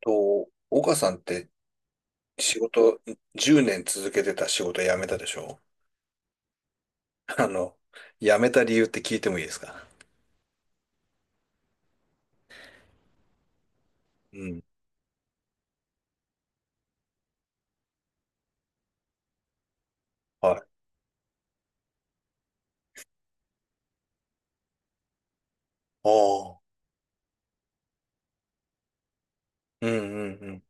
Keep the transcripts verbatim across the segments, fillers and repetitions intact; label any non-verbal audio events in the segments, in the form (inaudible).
と、岡さんって仕事、じゅうねん続けてた仕事辞めたでしょ？ (laughs) あの、辞めた理由って聞いてもいいですか？うん。はい。ああ。うんうん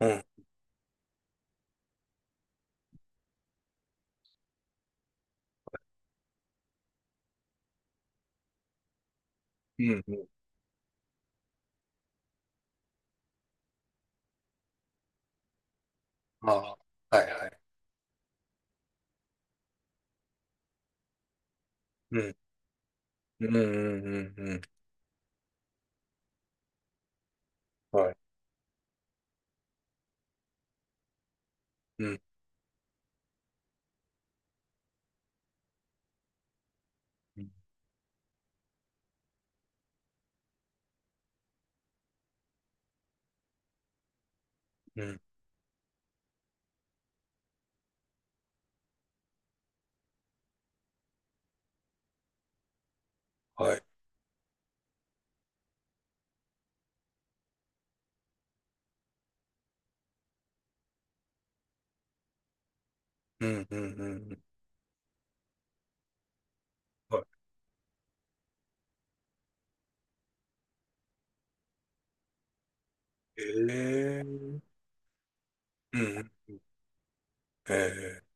うん。うん。うんうん。ああ。はいはい。うん。うんうんうんうん。はい。うん。うんうん。はい。うんうんうんうん。はい。ええ。うんうんうん。ええ。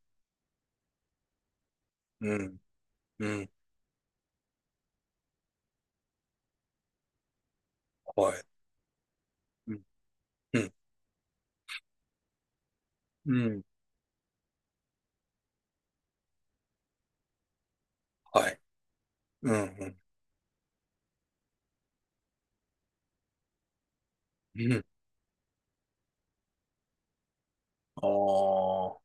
うん。うん。はい。うん。うん。うん。はい。うんうん。うん。ああ。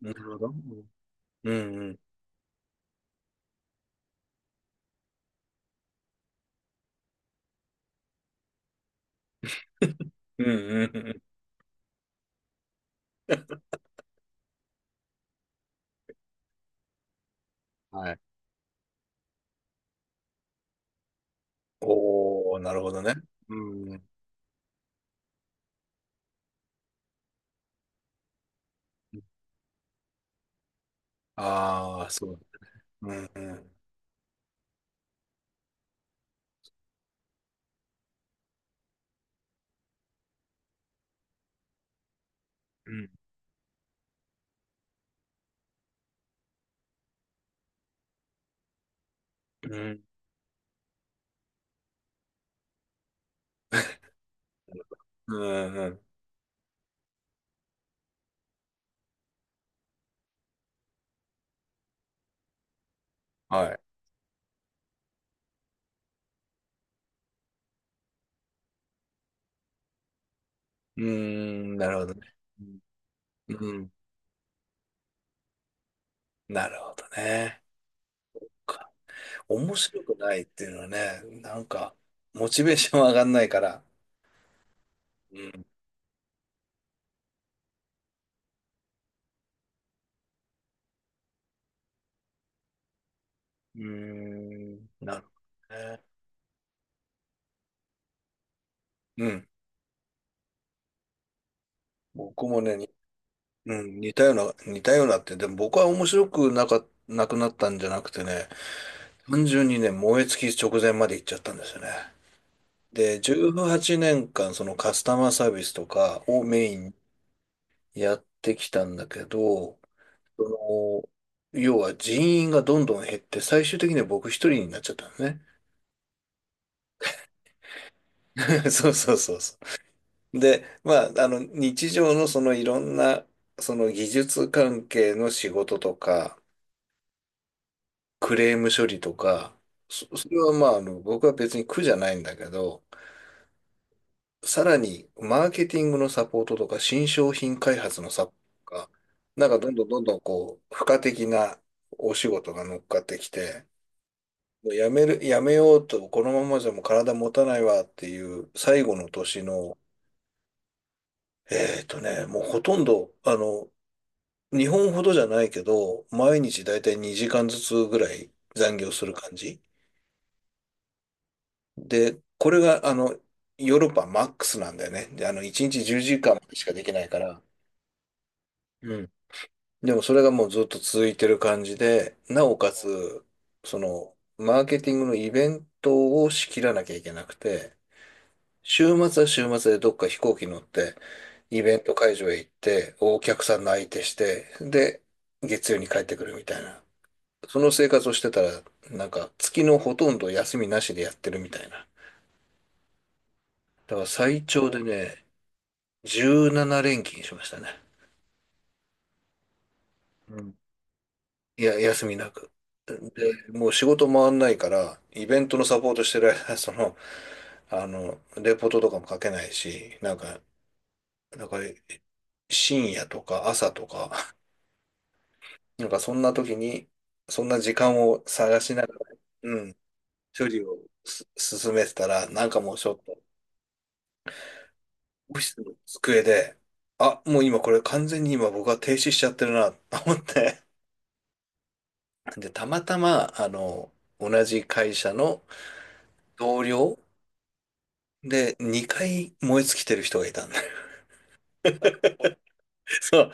なるほど。うんうん。うんうんうん。はい。おー、なるほどね。うん。ああ、そう。うんうん。うん。うん。うんうん。はい。うーん、なるほどね。うん、なるほどね。か面白くないっていうのはね、なんか、モチベーション上がんないから。うん。うーん、なるほどね。うん。僕もね、にうん、似たような、似たようなって、でも僕は面白くなか、なくなったんじゃなくてね、単純にね、燃え尽き直前まで行っちゃったんですよね。で、じゅうはちねんかん、そのカスタマーサービスとかをメインにやってきたんだけど、その、要は人員がどんどん減って、最終的には僕一人になっちゃったのね。(laughs) そうそうそうそう。で、まあ、あの、日常のそのいろんな、その技術関係の仕事とか、クレーム処理とか、そ、それはまあ、あの、僕は別に苦じゃないんだけど、さらに、マーケティングのサポートとか、新商品開発のサポートとか、なんかどんどんどんどんこう、付加的なお仕事が乗っかってきて、もうやめる、やめようと、このままじゃもう体持たないわっていう最後の年の、えっとね、もうほとんど、あの、日本ほどじゃないけど、毎日だいたいにじかんずつぐらい残業する感じ。で、これが、あの、ヨーロッパマックスなんだよね。で、あの、いちにちじゅうじかんまでしかできないから。うん。でもそれがもうずっと続いてる感じで、なおかつ、その、マーケティングのイベントを仕切らなきゃいけなくて、週末は週末でどっか飛行機乗って、イベント会場へ行って、お客さんの相手して、で、月曜に帰ってくるみたいな。その生活をしてたら、なんか月のほとんど休みなしでやってるみたいな。だから最長でね、じゅうなな連勤しましたね。うん。いや、休みなく。で、もう仕事回んないから、イベントのサポートしてる間、(laughs) その、あの、レポートとかも書けないし、なんか、なんか深夜とか朝とか、(laughs) なんかそんな時に、そんな時間を探しながら、うん、処理をす進めてたら、なんかもうちょっと、オフィスの机で、あ、もう今これ完全に今僕は停止しちゃってるな、と思って。で、たまたま、あの、同じ会社の同僚でにかい燃え尽きてる人がいたん。そう。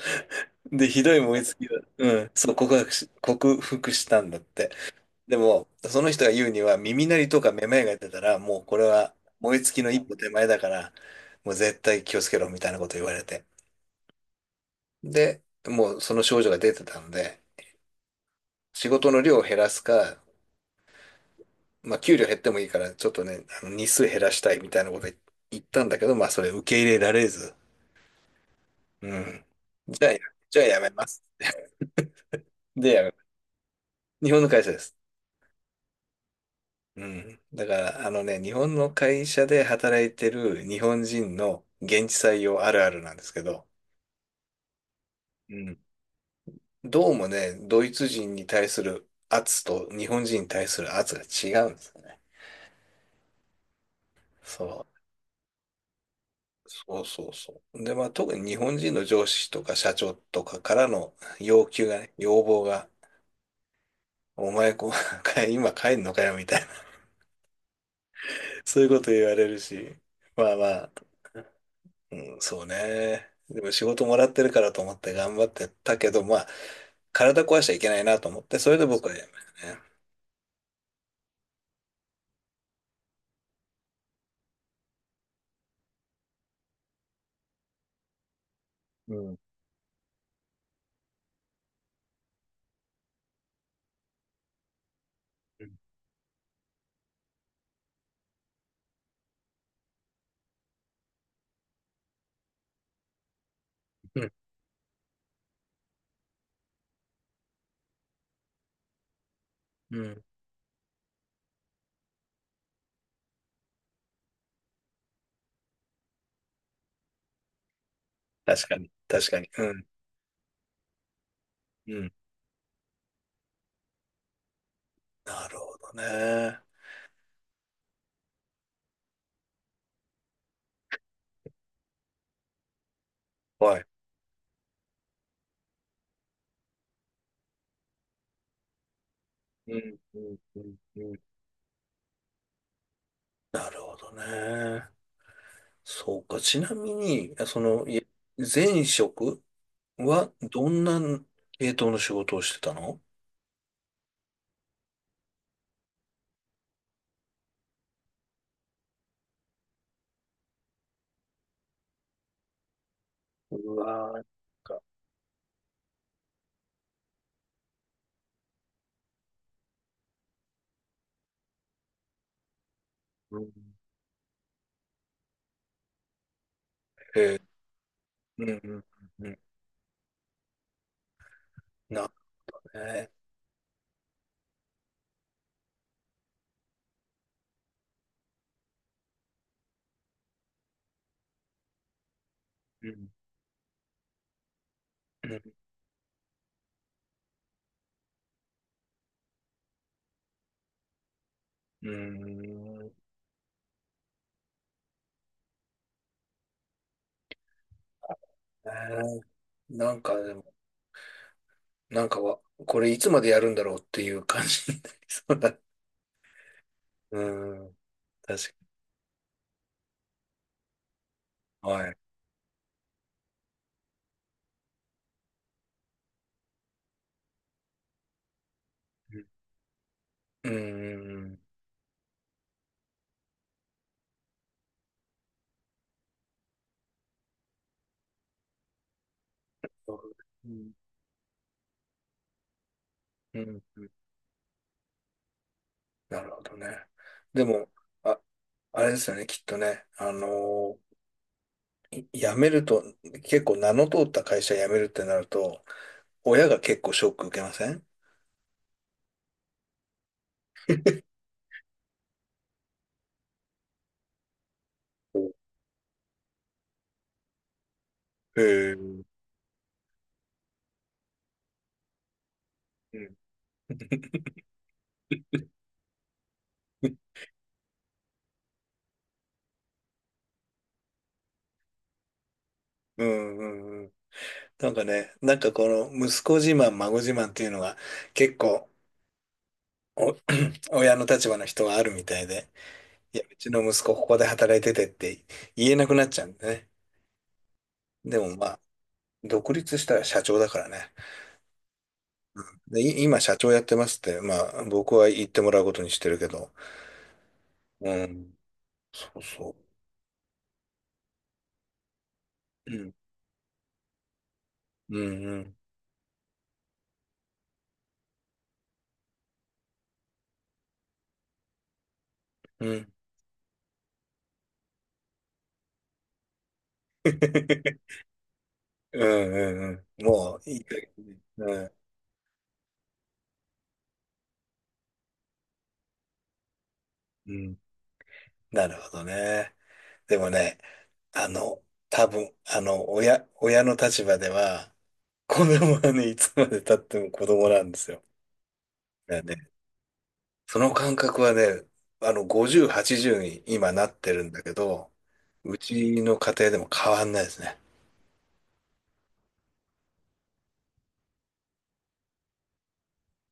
で、ひどい燃え尽きだ。うん。そう、告白し、克服したんだって。でも、その人が言うには、耳鳴りとかめまいが出たら、もうこれは燃え尽きの一歩手前だから、もう絶対気をつけろみたいなこと言われて。で、もうその症状が出てたので、仕事の量を減らすか、まあ、給料減ってもいいから、ちょっとね、あの日数減らしたいみたいなこと言ったんだけど、まあ、それ受け入れられず。うん。じゃあ、じゃあやめます。で、やめます。日本の会社です。うん。だから、あのね、日本の会社で働いてる日本人の現地採用あるあるなんですけど、うん。どうもね、ドイツ人に対する圧と日本人に対する圧が違うんですよね。そう。そうそうそう。で、まあ特に日本人の上司とか社長とかからの要求がね、要望が、お前こう、(laughs) 今帰んのかよみたいな、そういうこと言われるし、まあまあ、うん、そうね。でも仕事もらってるからと思って頑張ってたけど、まあ、体壊しちゃいけないなと思って、それで僕はやめましたね。うん。うん。うん。確かに。確かに。うん。うん。なるほどね。はい。うん。うん。うんうん、なるほどね。そうか。ちなみに、その、い前職はどんな系統の仕事をしてたの？うわー、なんか、うん。えー、うん、うん、うん。うん、なるほどね。うん。うんうーん。ねえ、なんかでも、なんかは、これいつまでやるんだろうっていう感じになりそうだ。うーん。確かに。はい。うん。うんうんうん。うん、なるほどね。でも、あ、あれですよね、きっとね。あのーい辞めると、結構名の通った会社辞めるってなると、親が結構ショック受けません？おへえ。うん。(laughs) ううん、うん。なんかね、なんかこの息子自慢、孫自慢っていうのが結構お (clears throat) 親の立場の人はあるみたいで、いや、うちの息子ここで働いててって言えなくなっちゃうんでね。でもまあ、独立したら社長だからね。うんで、い今社長やってますって、まあ僕は言ってもらうことにしてるけど、うん、そうそう。うん、うん、うん、うん。(laughs) うんうんうん。もういい加減に、うん。うん。なるほどね。でもね、あの、多分、あの、親、親の立場では、子供はね、いつまで経っても子供なんですよ。だからね、その感覚はね、あの、ごじゅう、はちじゅうに今なってるんだけど、うちの家庭でも変わんないですね。